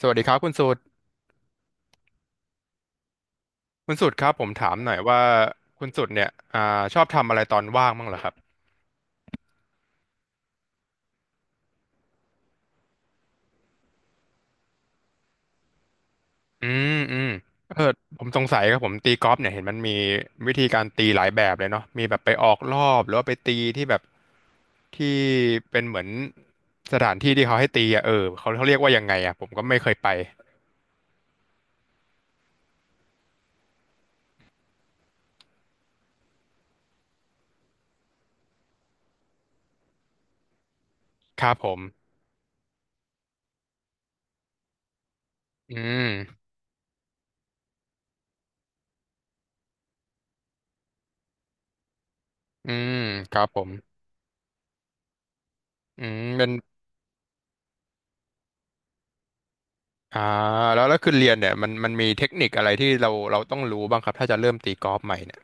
สวัสดีครับคุณสุดคุณสุดครับผมถามหน่อยว่าคุณสุดเนี่ยอ่าชอบทำอะไรตอนว่างบ้างเหรอครับอืมอืมเออผมสงสัยครับผมตีกอล์ฟเนี่ยเห็นมันมีวิธีการตีหลายแบบเลยเนาะมีแบบไปออกรอบหรือว่าไปตีที่แบบที่เป็นเหมือนสถานที่ที่เขาให้ตีอ่ะเขาเรียกว่ายังไงอ่ะผมก็ไม่เคยไปครับผมอืมอืมครับผมอืมเป็นอ่าแล้วคือเรียนเนี่ยมันมีเทคนิคอะไรที่เราต้องรู้บ้างครับถ้าจะเริ่มตีกอล์ฟใหม่เนี่ย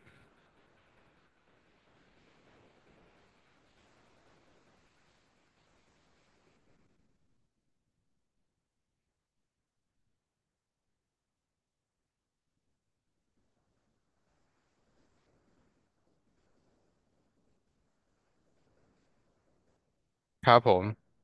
ครับผม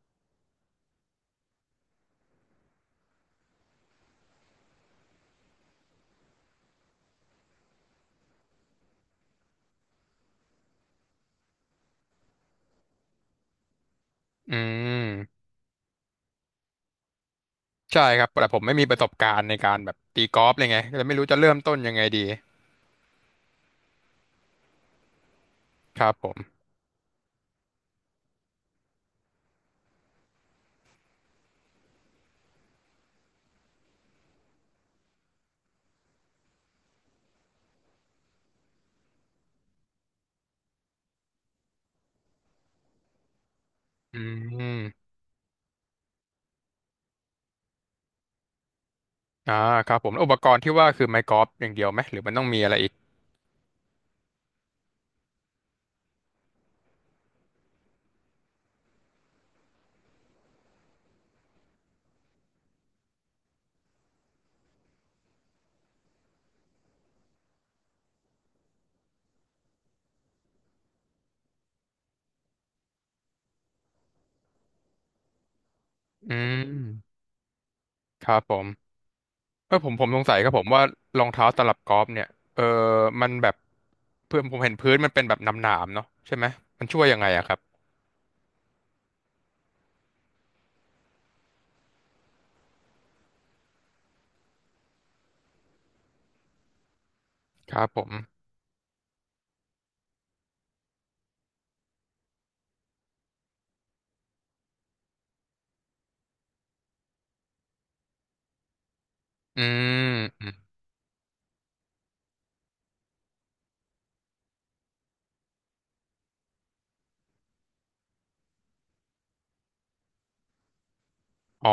อืมใช่ครับ แต่ผมไม่มีประสบการณ์ในการแบบตีกอล์ฟเลยไงก็เลยไม่รู้จะเริ่มต้นยังไงดีครับผมอืมอ่าครับผมแล้วอุปกรณ์ที่ว่าคือไม้กอล์ฟอย่างเดียวไหมหรือมันต้องมีอะไรอีกอืมครับผมเออผมสงสัยครับผมว่ารองเท้าตลับกอล์ฟเนี่ยเออมันแบบเพื่อนผมเห็นพื้นมันเป็นแบบหนามๆเนาะใช่ไหมมันช่วยยังไงอะครับครับผมอืมอมอ๋อ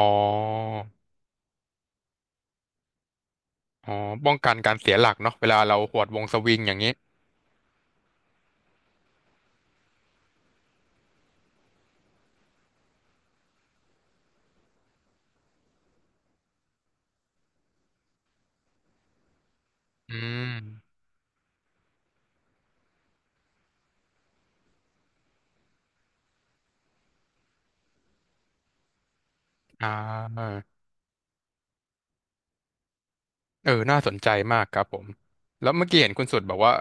อ๋อป้องกันการเสียหลักเนาะเวลาเราหวดวงสวิงอย่างนี้อืม อ่าเออน่าสนใจมากครับผมแล้วเมื่อกี้เห็นคุณสุดบอกว่า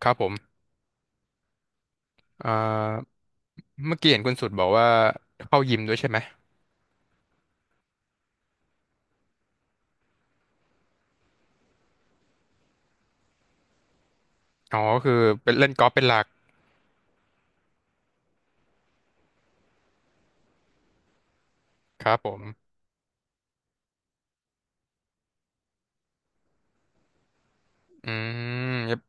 ครับผมอ่าเมื่อกี้เห็นคุณสุดบอกว่าเข้ายิมด้วยใช่ไหมอ๋อก็คือเป็นเล่นกอล์ฟเป็นหลักครับผมอืม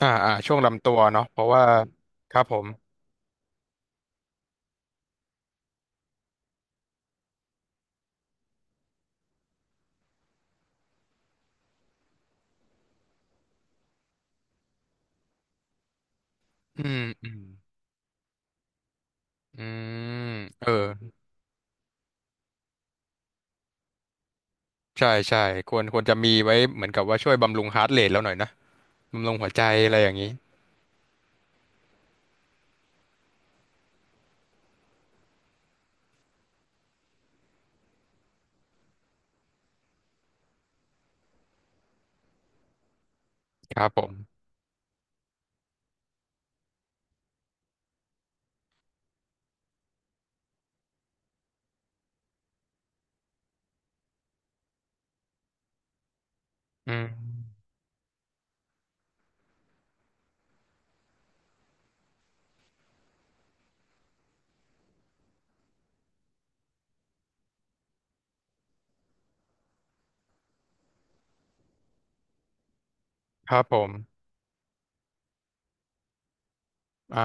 ช่วงลำตัวเนาะเพราะว่าครับผมอืมอืมอืมเออใช่ใช่ควรจะมีไว้เหมือนกับว่าช่วยบำรุงฮาร์ทเรทแล้วหน่อยนะบำรุงหัวใจอะไรอย่างนี้ครับผมอืมครับผม อ่า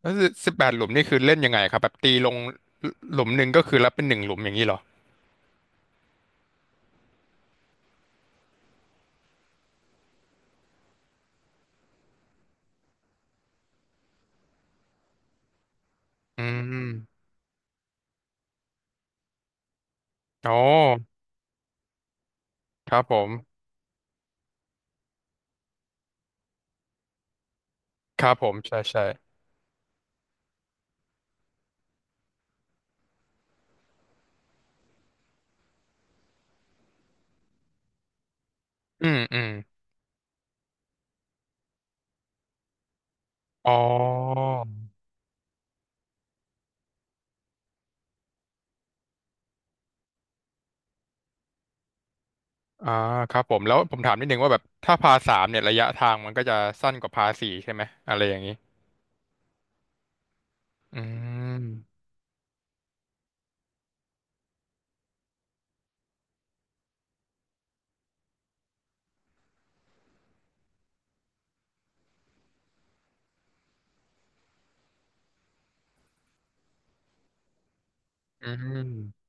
แล้ว18 หลุมนี่คือเล่นยังไงครับแบบตีลงหลุมหนึ่งก็คือรับเป็นหนึ่งหลุมอย่างนี้เหรออืมอ๋อครับผมครับผมใช่ใช่อืมอืมอ๋ออ่าครับผมแล้วผมถามนิดนึงว่าแบบถ้าพาสามเนี่ยระยะทางมันก็จะสั้นกว่าพาสี่ใช่ไหมอะไรอย่างนี้อืมอืม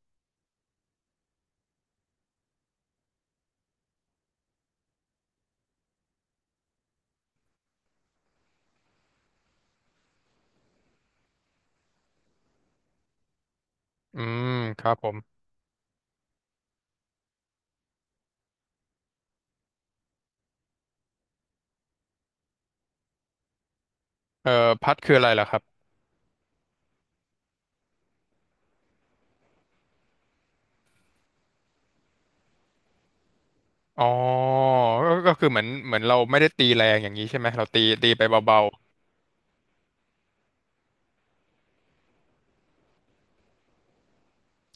อืมครับผมเอ่อพัดคืออะไรล่ะครับอ๋อก็คือเหมือนเราไม่ได้ตีแรงอย่างนี้ใช่ไหมเราตีไปเบา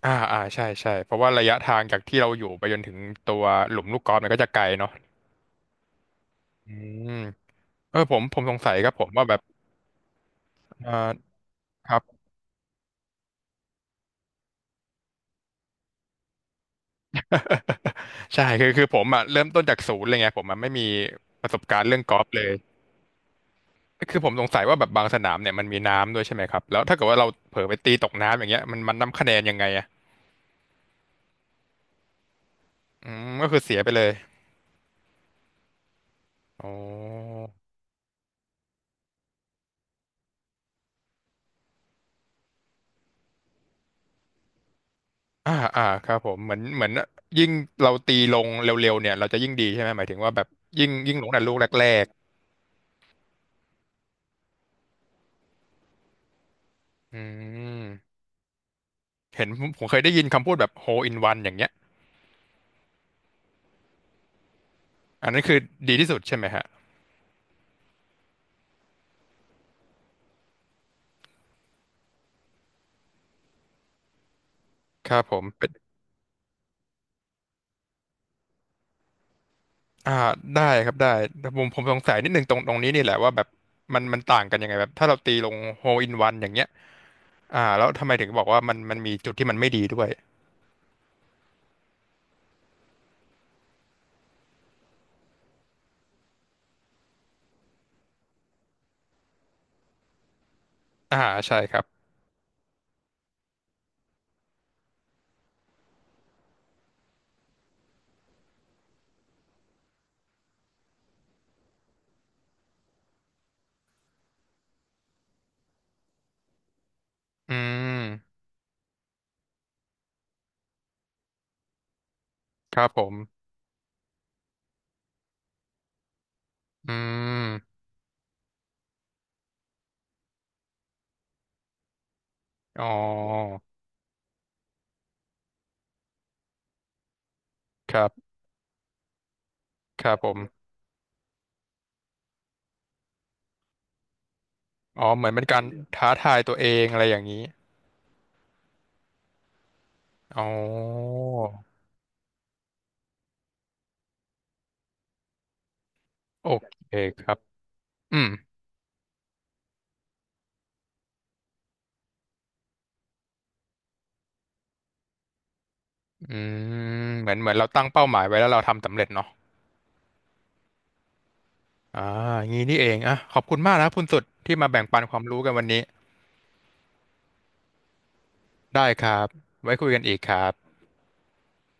อ่าอ่าใช่ใช่เพราะว่าระยะทางจากที่เราอยู่ไปจนถึงตัวหลุมลูกกอล์ฟมันก็จะไกลเนาะอืมเออผมสงสัยครับผมว่าแบบเออครับ ใช่คือผมอ่ะเริ่มต้นจากศูนย์เลยไงผมมันไม่มีประสบการณ์เรื่องกอล์ฟเลยคือผมสงสัยว่าแบบบางสนามเนี่ยมันมีน้ำด้วยใช่ไหมครับแล้วถ้าเกิดว่าเราเผลอไปตีตกน้ำอย่างเงี้ยมันนับคะแนนยังไงอ่ะอืมก็คือเสียไปเลยอ๋ออ่าอ่าครับผมเหมือนยิ่งเราตีลงเร็วๆเนี่ยเราจะยิ่งดีใช่ไหมหมายถึงว่าแบบยิ่งลงแต่ลูกแรก อืมเห็นผมเคยได้ยินคำพูดแบบ hole in one อย่างเงี้ยอันนั้นคือดีที่สุดใช่ไหมฮะครับผมเป็นอ่าได้ครับได้แต่ผมสงสัยนิดนึงตรงนี้นี่แหละว่าแบบมันต่างกันยังไงแบบถ้าเราตีลง hole in one อย่างเงี้ยอ่าแล้วทำไมถึงบอกว่ามันมีจุดที่มันไม่ดีด้วยอ่าใช่ครับอืมครับผมอืมอ๋อครับครับผมอ๋อเหมือนเป็นการท้าทายตัวเองอะไรอย่างนี้อ๋อโอเคครับอืม อืมเหมือนเราตั้งเป้าหมายไว้แล้วเราทำสำเร็จเนาะอ่างี้นี่เองอ่ะขอบคุณมากนะคุณสุดที่มาแบ่งปันความรู้กันวันนี้ ได้ครับ ไว้คุยกันอีกครับ